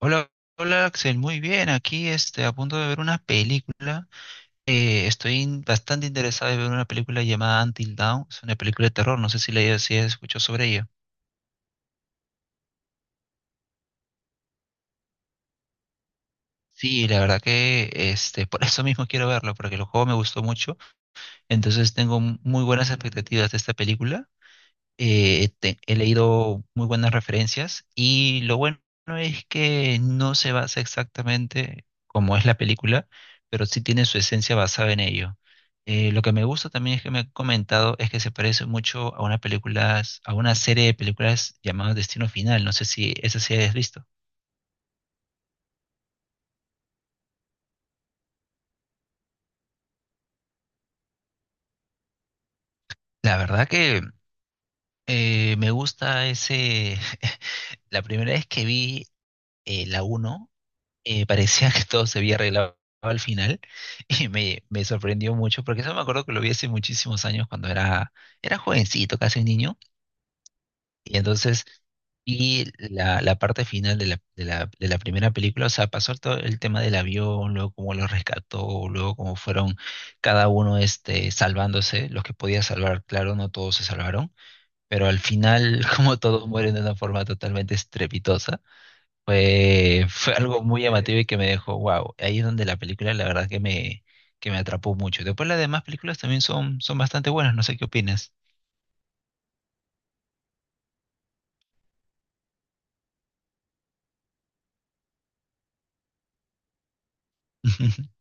Hola, hola Axel, muy bien. Aquí a punto de ver una película. Bastante interesado en ver una película llamada Until Dawn. Es una película de terror. No sé si has escuchado sobre ella. Sí, la verdad que por eso mismo quiero verlo, porque el juego me gustó mucho. Entonces tengo muy buenas expectativas de esta película. He leído muy buenas referencias, y lo bueno es que no se basa exactamente como es la película, pero sí tiene su esencia basada en ello. Lo que me gusta también es que me han comentado es que se parece mucho a una película, a una serie de películas llamada Destino Final. No sé si esa serie has visto. La verdad que me gusta ese... La primera vez que vi la uno, parecía que todo se había arreglado al final. Y me sorprendió mucho, porque eso me acuerdo que lo vi hace muchísimos años cuando era jovencito, casi un niño, y la parte final de de la primera película. O sea, pasó todo el tema del avión, luego cómo los rescató, luego cómo fueron cada uno salvándose, los que podía salvar, claro, no todos se salvaron, pero al final como todos mueren de una forma totalmente estrepitosa, fue algo muy llamativo y que me dejó, wow. Ahí es donde la película la verdad que que me atrapó mucho. Después las demás películas también son bastante buenas, no sé qué opinas.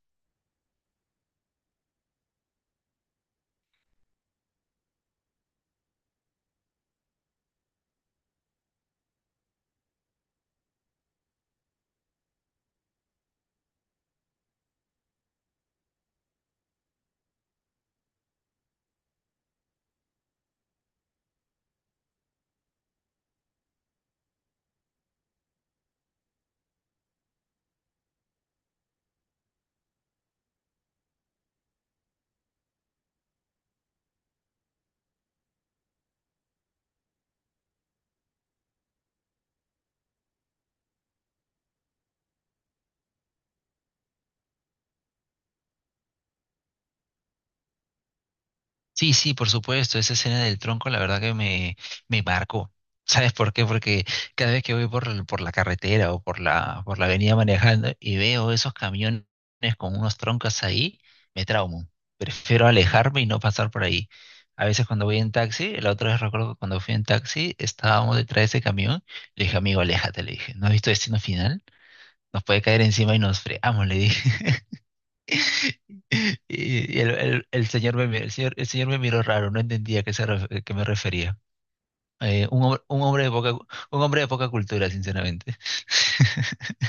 Sí, sí, por supuesto, esa escena del tronco la verdad que me marcó. ¿Sabes por qué? Porque cada vez que voy por, por la carretera o por por la avenida manejando y veo esos camiones con unos troncos ahí, me traumo. Prefiero alejarme y no pasar por ahí. A veces cuando voy en taxi, la otra vez recuerdo que cuando fui en taxi, estábamos detrás de ese camión, le dije, amigo, aléjate, le dije, ¿no has visto Destino Final? Nos puede caer encima y nos fregamos, le dije. Y el señor me miró raro, no entendía a qué, a qué me refería. Eh, un, hom- un hombre de poca, un hombre de poca cultura, sinceramente.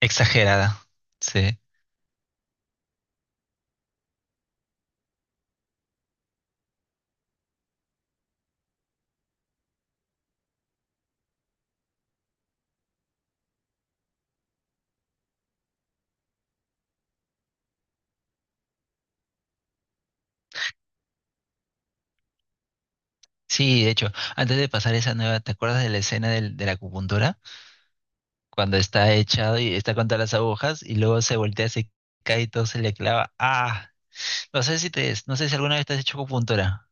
Exagerada. Sí. Sí, de hecho, antes de pasar esa nueva, ¿te acuerdas de la escena de la acupuntura? Cuando está echado y está con todas las agujas y luego se voltea, se cae y todo se le clava. Ah, no sé no sé si alguna vez te has hecho acupuntura.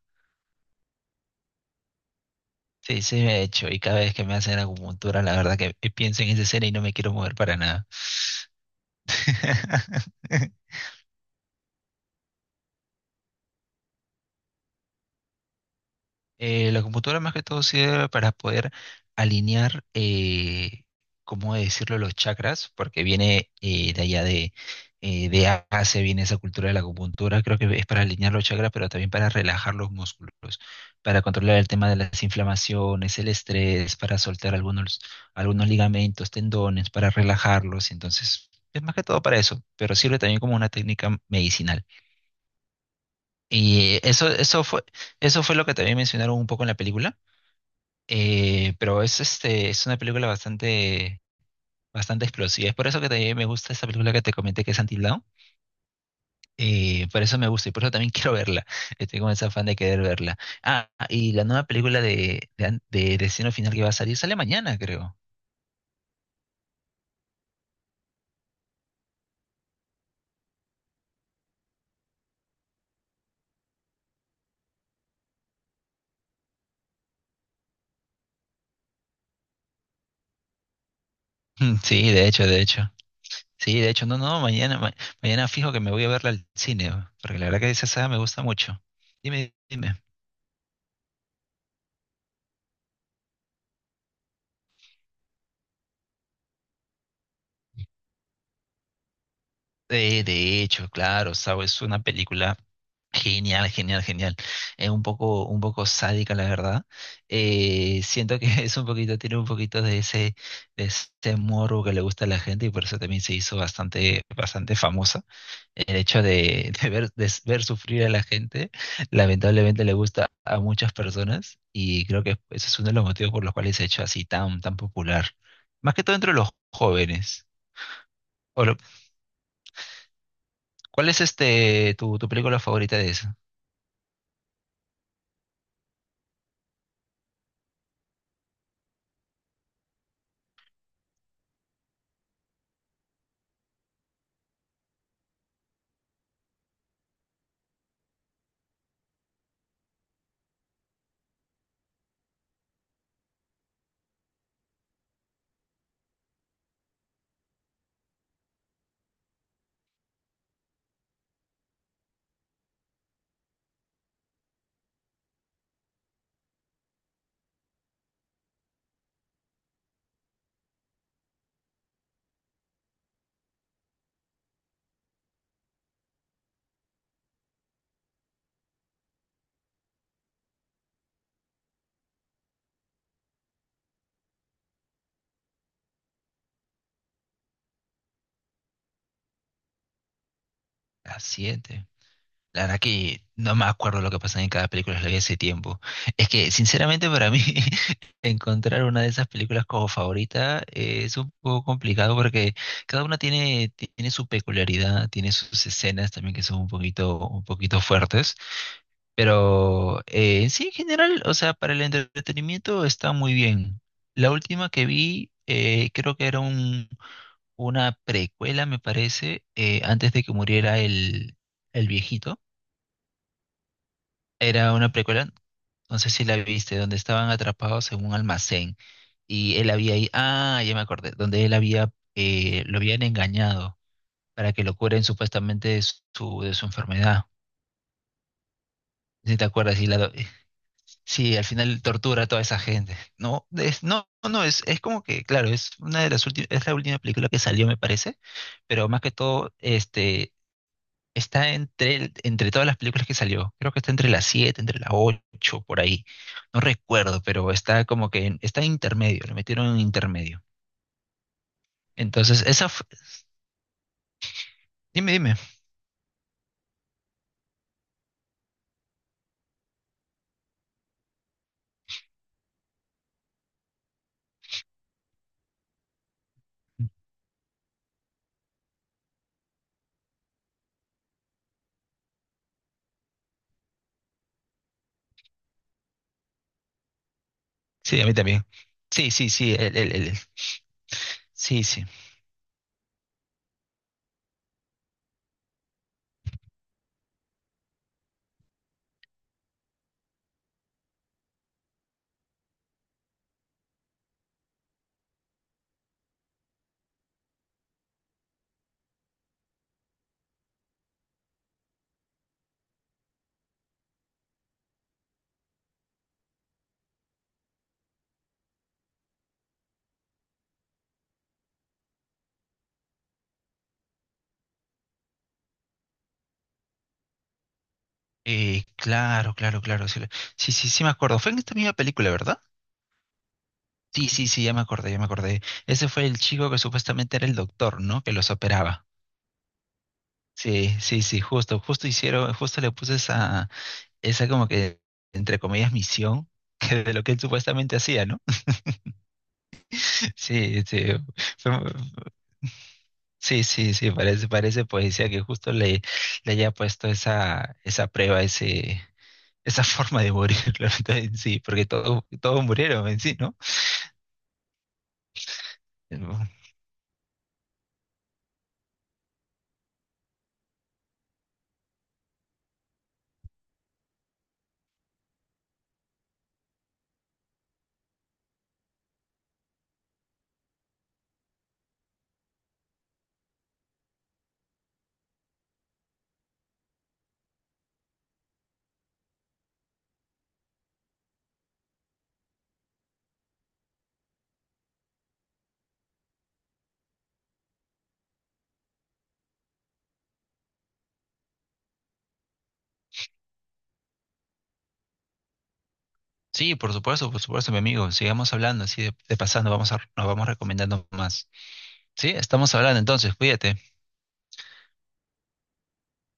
Sí, sí me he hecho. Y cada vez que me hacen acupuntura, la verdad que pienso en esa escena y no me quiero mover para nada. La computadora más que todo sirve para poder alinear, ¿cómo decirlo?, los chakras, porque viene de Asia, viene esa cultura de la acupuntura. Creo que es para alinear los chakras, pero también para relajar los músculos, para controlar el tema de las inflamaciones, el estrés, para soltar algunos ligamentos, tendones, para relajarlos, entonces... Es más que todo para eso, pero sirve también como una técnica medicinal. Y eso eso fue lo que también mencionaron un poco en la película, pero es es una película bastante explosiva. Es por eso que también me gusta esa película que te comenté que es Until Dawn. Por eso me gusta y por eso también quiero verla. Estoy con ese afán de querer verla. Ah, y la nueva película de Destino Final que va a salir sale mañana, creo. Mm, sí, de hecho, de hecho. Sí, de hecho, no, no, mañana fijo que me voy a verla al cine, porque la verdad que esa saga me gusta mucho. Dime, dime. De hecho, claro, Saw es una película genial, genial, genial. Es un poco sádica, la verdad. Siento que es un poquito, tiene un poquito de ese morbo que le gusta a la gente, y por eso también se hizo bastante famosa. El hecho de ver sufrir a la gente lamentablemente le gusta a muchas personas, y creo que ese es uno de los motivos por los cuales se ha hecho así tan popular. Más que todo entre los jóvenes. O, ¿cuál es este tu película favorita de esa? La siete. La verdad que no me acuerdo lo que pasaba en cada película, la vi hace tiempo. Es que, sinceramente, para mí, encontrar una de esas películas como favorita es un poco complicado, porque cada una tiene su peculiaridad, tiene sus escenas también que son un poquito fuertes. Pero sí, en general, o sea, para el entretenimiento está muy bien. La última que vi, creo que era un una precuela, me parece, antes de que muriera el viejito. Era una precuela, no sé si la viste, donde estaban atrapados en un almacén y él había ahí, ah, ya me acordé, donde él había, lo habían engañado para que lo curen supuestamente de de su enfermedad. Si te acuerdas, y sí, al final tortura a toda esa gente. No, no, no, es como que, claro, es una de las últimas, es la última película que salió, me parece, pero más que todo, está entre todas las películas que salió. Creo que está entre las 7 entre las 8 por ahí. No recuerdo, pero está como que está en intermedio, lo metieron en intermedio. Entonces, dime, dime. Sí, a mí también. Sí, sí, sí, sí, sí. Claro, claro, claro. Sí, sí, sí me acuerdo. Fue en esta misma película, ¿verdad? Sí, sí, sí, ya me acordé, ya me acordé. Ese fue el chico que supuestamente era el doctor, ¿no? Que los operaba. Sí, sí, sí, justo hicieron, justo le puse esa como que, entre comillas, misión que de lo que él supuestamente hacía, ¿no? Sí, sí, fue- sí, sí, sí, parece poesía que justo le haya puesto esa prueba, esa forma de morir, la verdad, en sí, porque todos murieron en sí, ¿no? Sí, por supuesto, mi amigo, sigamos hablando así de pasando, vamos a, nos vamos recomendando más. Sí, estamos hablando entonces, cuídate.